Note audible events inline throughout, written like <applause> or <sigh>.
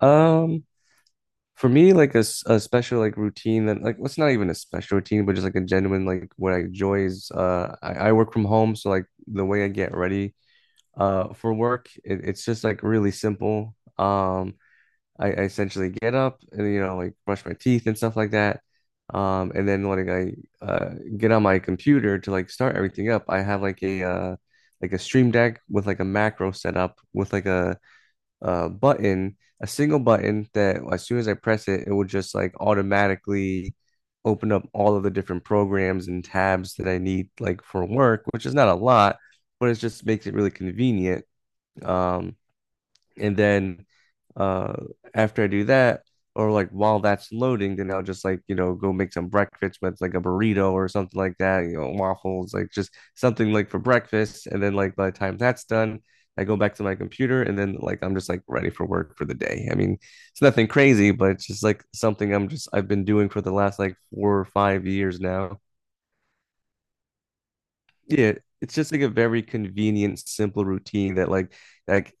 Um, for me, a special routine that what's not even a special routine, but just a genuine what I enjoy is I work from home, so like the way I get ready for work, it's just like really simple. I essentially get up and you know like brush my teeth and stuff like that. And then when I get on my computer to like start everything up, I have like a Stream Deck with like a macro set up with like a button, a single button that as soon as I press it, it will just like automatically open up all of the different programs and tabs that I need like for work, which is not a lot, but it just makes it really convenient. Um, and then uh After I do that, or like while that's loading, then I'll just like, you know, go make some breakfast with like a burrito or something like that, you know, waffles, like just something like for breakfast. And then like by the time that's done, I go back to my computer and then like I'm just like ready for work for the day. I mean, it's nothing crazy, but it's just like something I've been doing for the last like 4 or 5 years now. Yeah, it's just like a very convenient, simple routine that like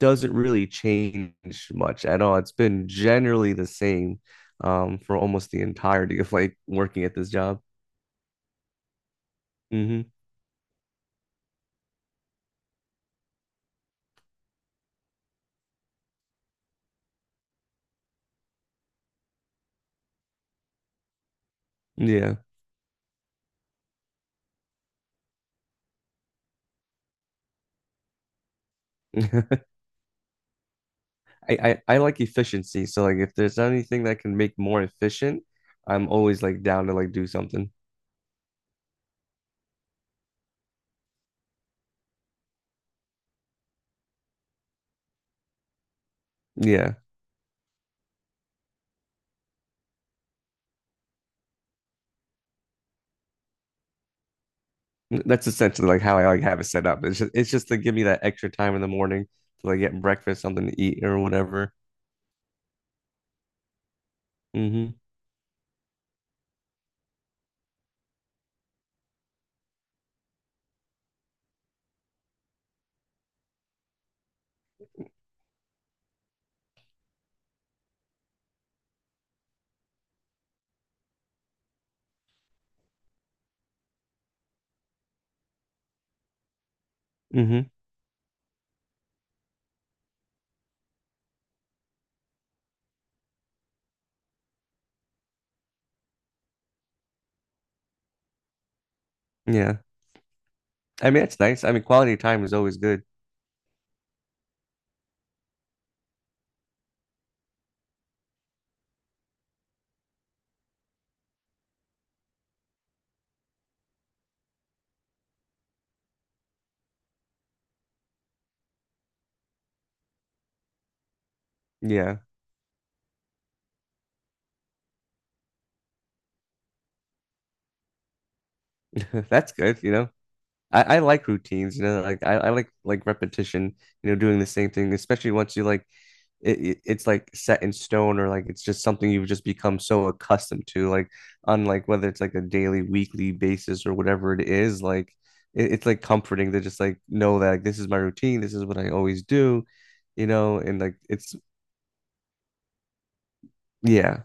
doesn't really change much at all. It's been generally the same for almost the entirety of like working at this job. Hmm. Yeah. <laughs> I like efficiency. So like if there's anything that can make more efficient, I'm always like down to like do something. Yeah. That's essentially like how I like have it set up. It's just to give me that extra time in the morning to like get breakfast, something to eat or whatever. Hmm. Hmm. Yeah. I mean, it's nice. I mean, quality time is always good. Yeah. <laughs> That's good, you know. I like routines, you know, like I like repetition, you know, doing the same thing, especially once you like it's like set in stone or like it's just something you've just become so accustomed to, like on like whether it's like a daily, weekly basis or whatever it is, like it's like comforting to just like know that like, this is my routine, this is what I always do, you know, and like it's yeah.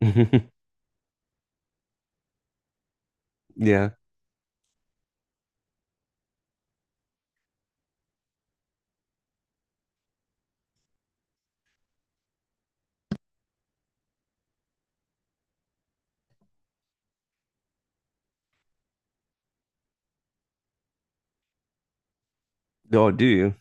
<laughs> Yeah. Oh, do you?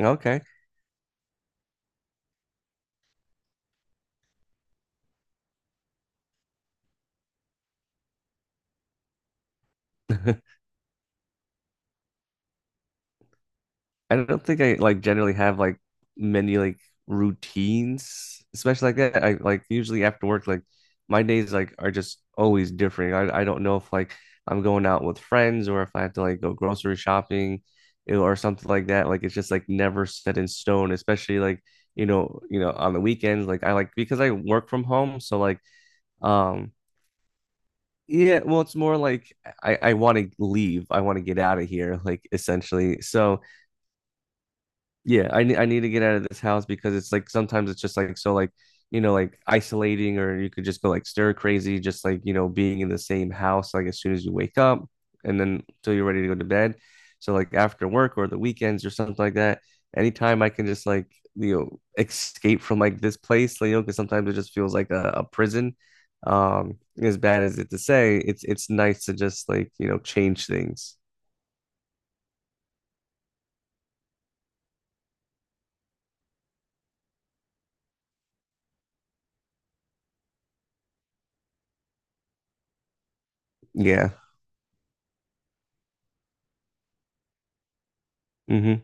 Okay. <laughs> I don't think I like generally have like many like routines, especially like that. I like usually after work, like my days like are just always different. I don't know if like I'm going out with friends or if I have to like go grocery shopping, you know, or something like that. Like it's just like never set in stone, especially like you know, on the weekends. Like I like because I work from home, so like um yeah, well it's more like I want to leave. I want to get out of here, like essentially. So yeah, I need to get out of this house because it's like sometimes it's just like so like you know like isolating or you could just go like stir crazy just like you know being in the same house like as soon as you wake up and then till you're ready to go to bed. So like after work or the weekends or something like that, anytime I can just like you know escape from like this place, like, you know, because sometimes it just feels like a prison. As bad as it to say, it's nice to just like you know change things. Yeah. Hmm.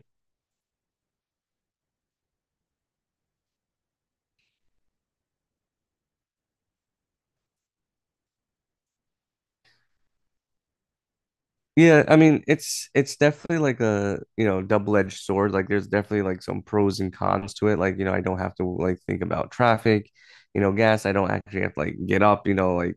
Yeah, I mean it's definitely like a you know double-edged sword. Like there's definitely like some pros and cons to it. Like you know I don't have to like think about traffic, you know gas. I don't actually have to like get up, you know like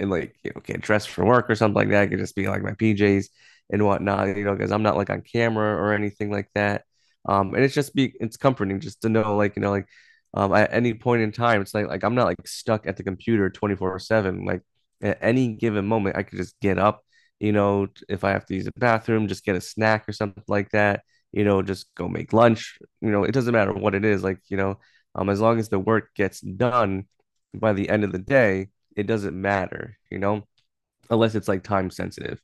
and like you know get dressed for work or something like that. I could just be like my PJs and whatnot, you know, because I'm not like on camera or anything like that. And it's comforting just to know like you know like at any point in time it's like I'm not like stuck at the computer 24/7. Like at any given moment I could just get up, you know, if I have to use the bathroom, just get a snack or something like that, you know, just go make lunch, you know, it doesn't matter what it is, like, you know, as long as the work gets done by the end of the day, it doesn't matter, you know, unless it's like time sensitive,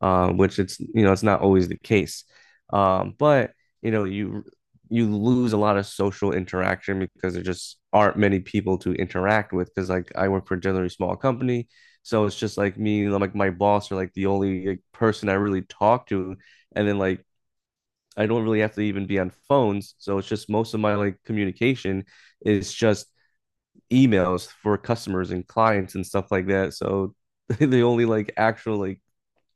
which it's you know it's not always the case. But you know you lose a lot of social interaction because there just aren't many people to interact with. Because like I work for a generally small company, so it's just like me, like my boss, are like the only like, person I really talk to, and then like I don't really have to even be on phones. So it's just most of my like communication is just emails for customers and clients and stuff like that. So <laughs> the only like actual like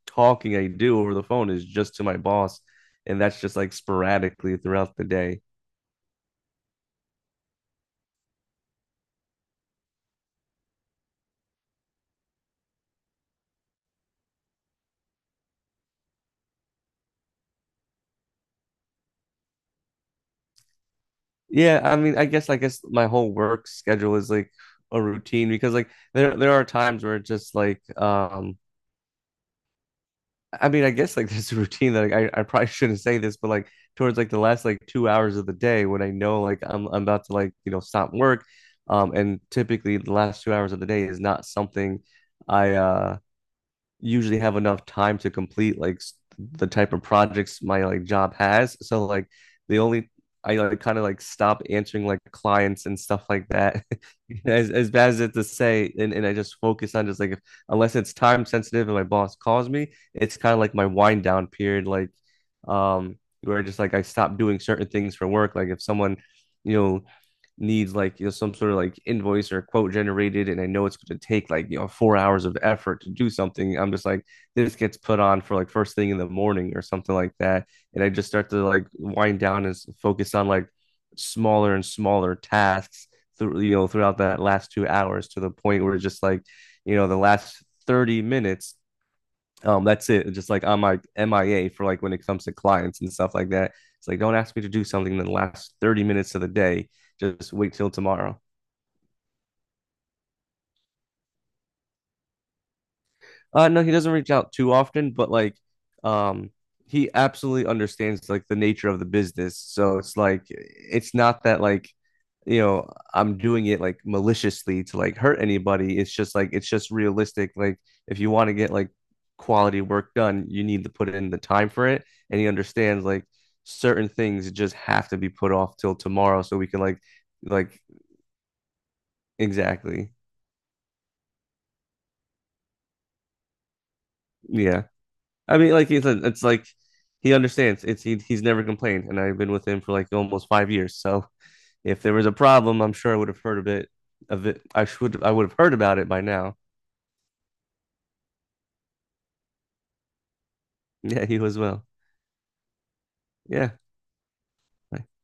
talking I do over the phone is just to my boss, and that's just like sporadically throughout the day. Yeah, I mean, I guess my whole work schedule is like a routine because like there are times where it's just like I mean I guess like <laughs> there's a routine that like, I probably shouldn't say this but like towards like the last 2 hours of the day when I know like I'm about to like you know stop work, and typically the last 2 hours of the day is not something I usually have enough time to complete like the type of projects my like job has. So like the only I like kind of like stop answering like clients and stuff like that. <laughs> As bad as it to say, and I just focus on just like if, unless it's time sensitive and my boss calls me, it's kind of like my wind down period, like um where just like I stop doing certain things for work. Like if someone, you know, needs like you know some sort of like invoice or quote generated and I know it's going to take like you know 4 hours of effort to do something, I'm just like this gets put on for like first thing in the morning or something like that and I just start to like wind down and focus on like smaller and smaller tasks through you know throughout that last 2 hours to the point where it's just like you know the last 30 minutes. That's it. Just like I'm like MIA for like when it comes to clients and stuff like that. It's like don't ask me to do something in the last 30 minutes of the day. Just wait till tomorrow. No, he doesn't reach out too often, but like, um, he absolutely understands like the nature of the business. So it's like, it's not that like, you know, I'm doing it like maliciously to like hurt anybody. It's just like, it's just realistic. Like, if you want to get like quality work done, you need to put in the time for it. And he understands like certain things just have to be put off till tomorrow so we can like, exactly. Yeah. I mean, like he said, it's like he understands. It's he's never complained, and I've been with him for like almost 5 years. So if there was a problem, I'm sure I would have heard a bit of it. I would have heard about it by now. Yeah, he was well. Yeah,